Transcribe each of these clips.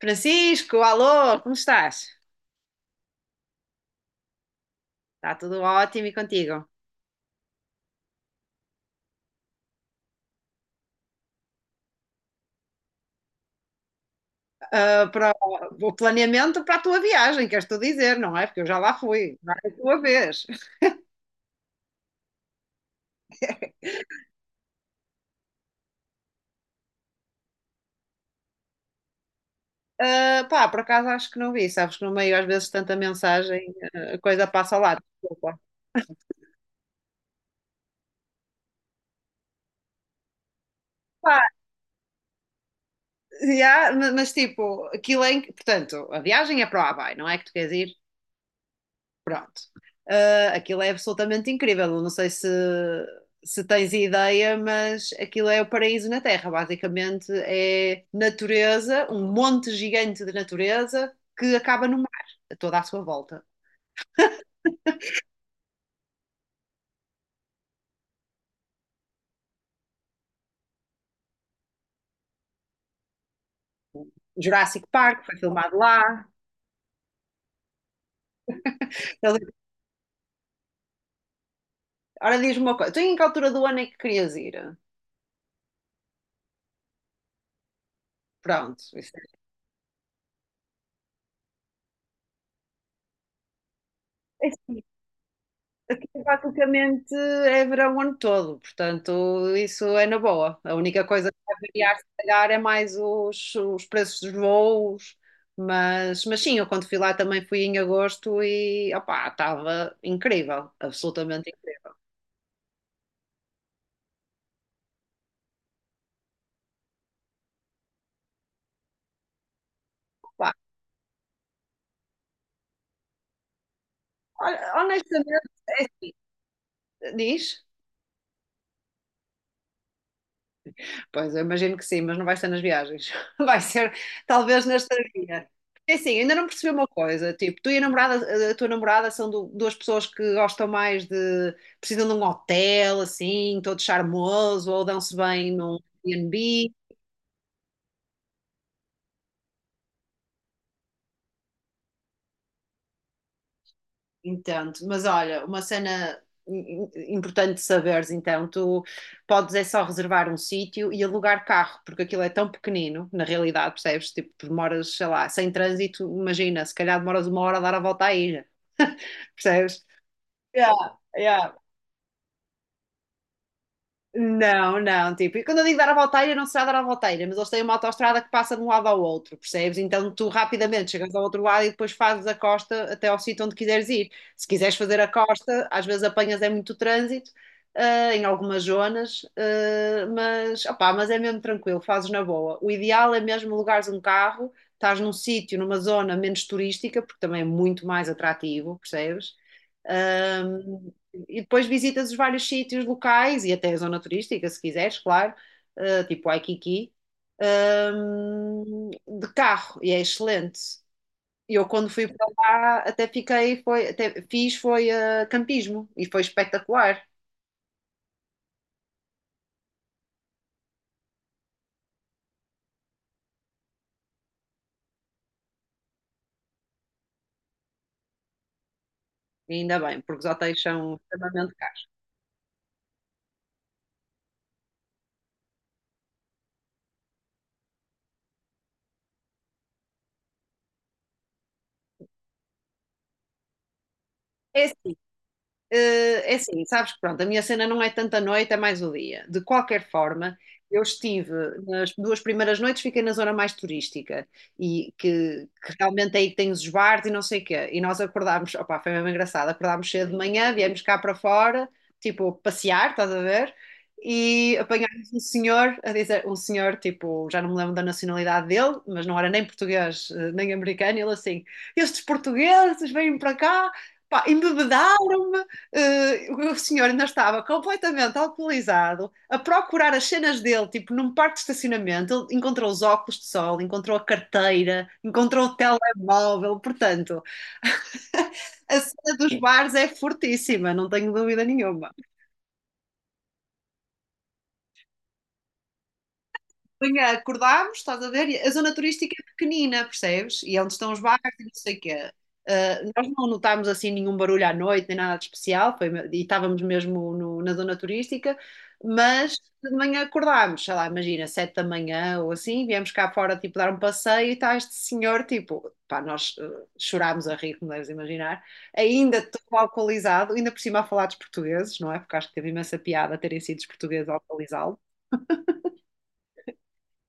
Francisco, alô, como estás? Está tudo ótimo e contigo? Ah, para o planeamento para a tua viagem, queres tu dizer, não é? Porque eu já lá fui, vai a tua vez. Ah, pá, por acaso acho que não vi, sabes que no meio às vezes tanta mensagem, a coisa passa ao lado, desculpa. Pá, já, mas tipo, aquilo é, em que- portanto, a viagem é para o Havaí, não é que tu queres ir? Pronto. Ah, aquilo é absolutamente incrível. Eu não sei se tens ideia, mas aquilo é o paraíso na Terra. Basicamente é natureza, um monte gigante de natureza que acaba no mar, a toda à sua volta. Jurassic Park foi filmado lá. Ele- Ora, diz-me uma coisa: tu em que altura do ano é que querias ir? Pronto, é basicamente é verão o ano todo, portanto, isso é na boa. A única coisa que vai variar, se calhar, é mais os preços dos voos, mas sim, eu quando fui lá também fui em agosto e opá, estava incrível, absolutamente incrível. Pá, olha, honestamente, diz. Pois, eu imagino que sim, mas não vai ser nas viagens. Vai ser talvez na estadia. É assim, ainda não percebi uma coisa, tipo, tu e a namorada, a tua namorada são duas pessoas que gostam mais precisam de um hotel, assim, todo charmoso, ou dão-se bem num Airbnb. Entendo, mas olha, uma cena im- importante de saberes, então, tu podes é só reservar um sítio e alugar carro, porque aquilo é tão pequenino, na realidade, percebes? Tipo, tu demoras, sei lá, sem trânsito, imagina, se calhar demoras 1 hora a dar a volta à ilha, percebes? Yeah, yeah. Não, não, tipo, e quando eu digo dar a volteira, não será dar a volteira, mas eles têm uma autoestrada que passa de um lado ao outro, percebes? Então tu rapidamente chegas ao outro lado e depois fazes a costa até ao sítio onde quiseres ir. Se quiseres fazer a costa, às vezes apanhas é muito trânsito, em algumas zonas, opá, mas é mesmo tranquilo, fazes na boa. O ideal é mesmo alugares um carro, estás num sítio, numa zona menos turística, porque também é muito mais atrativo, percebes? Um, e depois visitas os vários sítios locais e até a zona turística, se quiseres, claro, tipo Waikiki, um, de carro, e é excelente. Eu quando fui para lá até fiz foi campismo e foi espetacular, ainda bem, porque os hotéis são extremamente caros. É assim, é assim, sabes que pronto, a minha cena não é tanto a noite, é mais o dia. De qualquer forma, eu estive nas duas primeiras noites, fiquei na zona mais turística e que realmente é aí que tem os bares e não sei o quê. E nós acordámos, opá, foi mesmo engraçado, acordámos cedo de manhã, viemos cá para fora, tipo, passear, estás a ver? E apanhámos um senhor a dizer, um senhor, tipo, já não me lembro da nacionalidade dele, mas não era nem português, nem americano, ele assim, estes portugueses vêm para cá, pá, embebedaram-me, o senhor ainda estava completamente alcoolizado, a procurar as cenas dele, tipo, num parque de estacionamento, ele encontrou os óculos de sol, encontrou a carteira, encontrou o telemóvel, portanto, a cena dos bares é fortíssima, não tenho dúvida nenhuma. Manhã acordámos, estás a ver? E a zona turística é pequenina, percebes? E é onde estão os bares e não sei o quê. Ah, nós não notámos assim nenhum barulho à noite, nem nada de especial, foi, e estávamos mesmo na zona turística, mas de manhã acordámos, sei lá, imagina, 7 da manhã ou assim, viemos cá fora, tipo, dar um passeio e está este senhor, tipo, pá, nós chorámos a rir, como deves imaginar, ainda todo alcoolizado, ainda por cima a falar dos portugueses, não é? Porque acho que teve imensa piada terem sido os portugueses a alcoolizá-lo.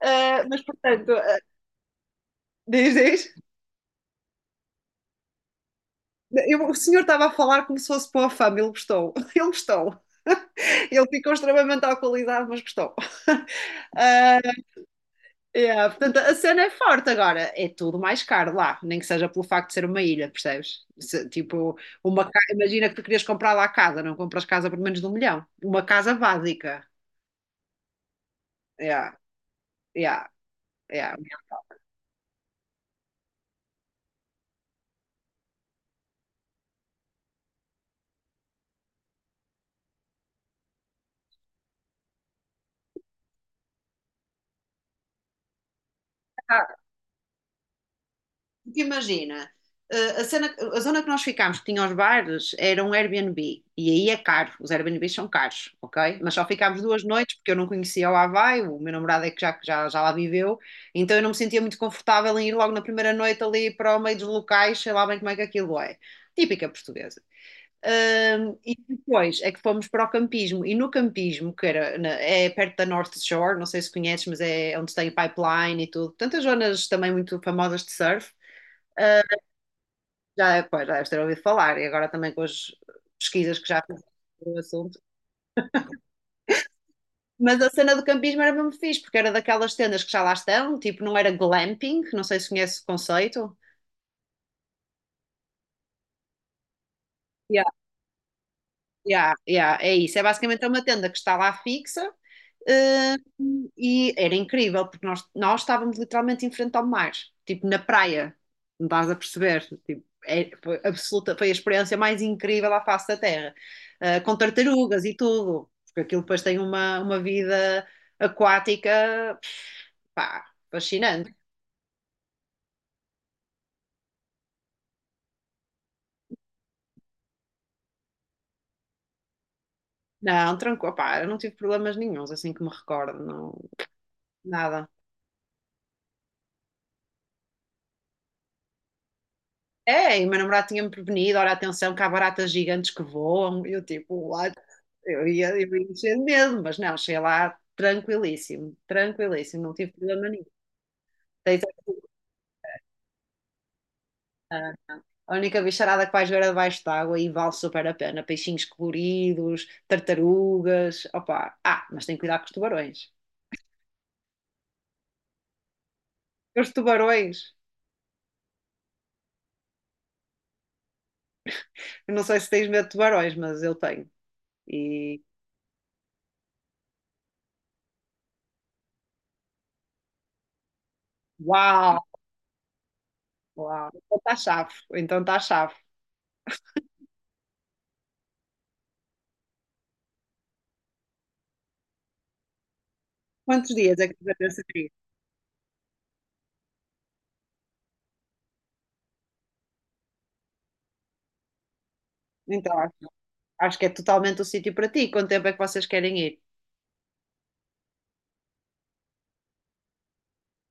Mas, portanto, diz, diz. O senhor estava a falar como se fosse para a fama, ele gostou. Ele gostou. Ele ficou extremamente à qualidade, mas gostou. Ah, yeah, portanto, a cena é forte agora. É tudo mais caro lá, nem que seja pelo facto de ser uma ilha, percebes? Se, tipo, imagina que tu querias comprar lá a casa, não compras casa por menos de 1 milhão. Uma casa básica. Yeah, yeah, yeah. Porque imagina, a zona que nós ficámos, que tinha os bares, era um Airbnb. E aí é caro, os Airbnbs são caros, ok? Mas só ficámos 2 noites, porque eu não conhecia o Havaí, o meu namorado é que já lá viveu, então eu não me sentia muito confortável em ir logo na primeira noite ali para o meio dos locais, sei lá bem como é que aquilo é. Típica portuguesa. E depois é que fomos para o campismo, e no campismo, que era é perto da North Shore, não sei se conheces, mas é onde tem o pipeline e tudo, tantas zonas também muito famosas de surf. Já, pois, já deves ter ouvido falar, e agora também com as pesquisas que já fiz sobre o assunto. Mas a cena do campismo era mesmo fixe, porque era daquelas tendas que já lá estão, tipo, não era glamping, não sei se conhece o conceito. Yeah, yeah, yeah, é isso. É basicamente uma tenda que está lá fixa. E era incrível, porque nós estávamos literalmente em frente ao mar, tipo na praia, não estás a perceber? Tipo, foi a experiência mais incrível à face da Terra, ah, com tartarugas e tudo, porque aquilo depois tem uma vida aquática, pá, fascinante. Não, tranquilo, pá, eu não tive problemas nenhuns, assim que me recordo, não, nada. É, e o meu namorado tinha-me prevenido, olha, atenção, que há baratas gigantes que voam, e eu tipo, Eu ia encher de medo, mas não, cheguei lá tranquilíssimo, tranquilíssimo, não tive problema nenhum. Tens a única bicharada que vais ver é debaixo d'água e vale super a pena. Peixinhos coloridos, tartarugas, opá. Ah, mas tem que cuidar com os tubarões. Os tubarões, eu não sei se tens medo de tubarões, mas eu tenho. E uau, uau, então está chave, então está chave. Quantos dias é que tu vais a seguir? Então, acho que é totalmente o sítio para ti. Quanto tempo é que vocês querem ir?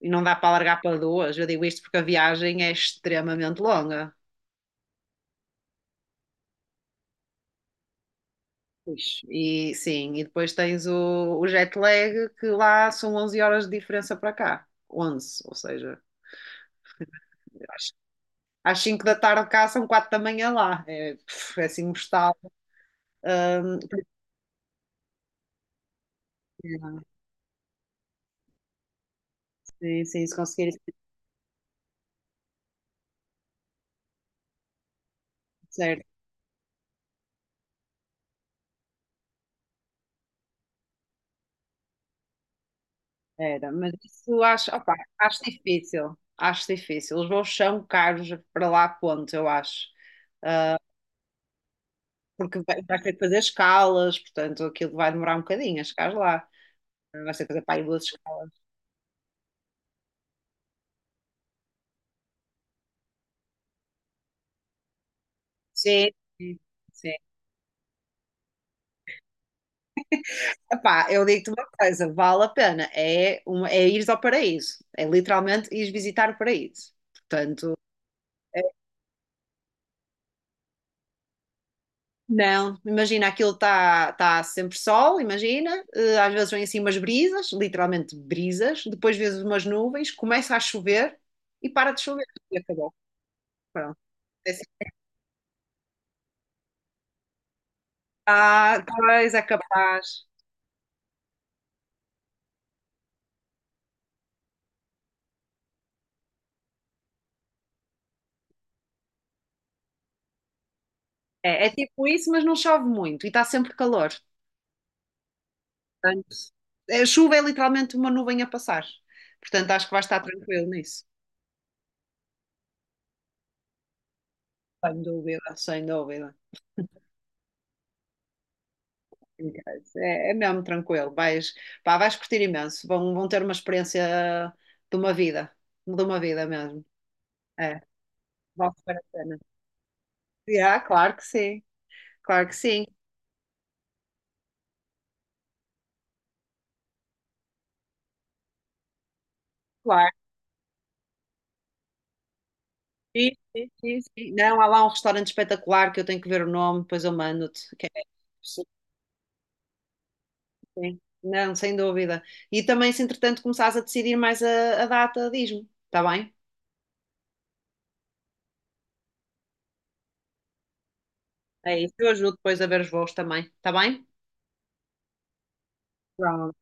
E não dá para largar para duas. Eu digo isto porque a viagem é extremamente longa. Pois. E sim, e depois tens o jet lag, que lá são 11 horas de diferença para cá. 11, ou seja, às, às 5 da tarde cá são 4 da manhã lá. É, puf, é assim, mortal. Sim, sim, se conseguir isso, certo. Era, mas isso acho, opá, acho difícil. Acho difícil. Os voos são caros para lá, ponto, eu acho. Porque vai ter que fazer escalas, portanto, aquilo vai demorar um bocadinho a chegar lá. Não sei fazer para em duas escalas. Sim, sim, sim. Epá, eu digo-te uma coisa, vale a pena. É, é ires ao paraíso. É literalmente ires visitar o paraíso. Portanto, não, imagina, aquilo está tá sempre sol, imagina. Às vezes vem assim umas brisas, literalmente brisas. Depois vês umas nuvens, começa a chover e para de chover. E acabou. Pronto. É assim. Ah, pois é capaz. É tipo isso, mas não chove muito e está sempre calor. Portanto, a chuva é literalmente uma nuvem a passar. Portanto, acho que vai estar tranquilo nisso. Sem dúvida, sem dúvida. É mesmo tranquilo. Pá, vais curtir imenso. Vão ter uma experiência de uma vida, de uma vida mesmo. É, vale super a pena. Yeah, claro que sim, claro que sim, claro. Sim, sim, sim, sim. Não, há lá um restaurante espetacular que eu tenho que ver o nome, depois eu mando-te, que é... Sim. Não, sem dúvida. E também, se entretanto começares a decidir mais a data, diz-me, está bem? É isso, eu ajudo depois a ver os voos também, está bem? Pronto.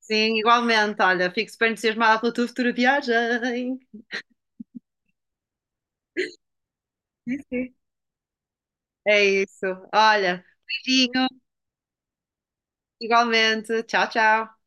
Sim, igualmente, olha, fico super entusiasmada pela tua futura viagem. É isso, olha, beijinho, igualmente, tchau, tchau.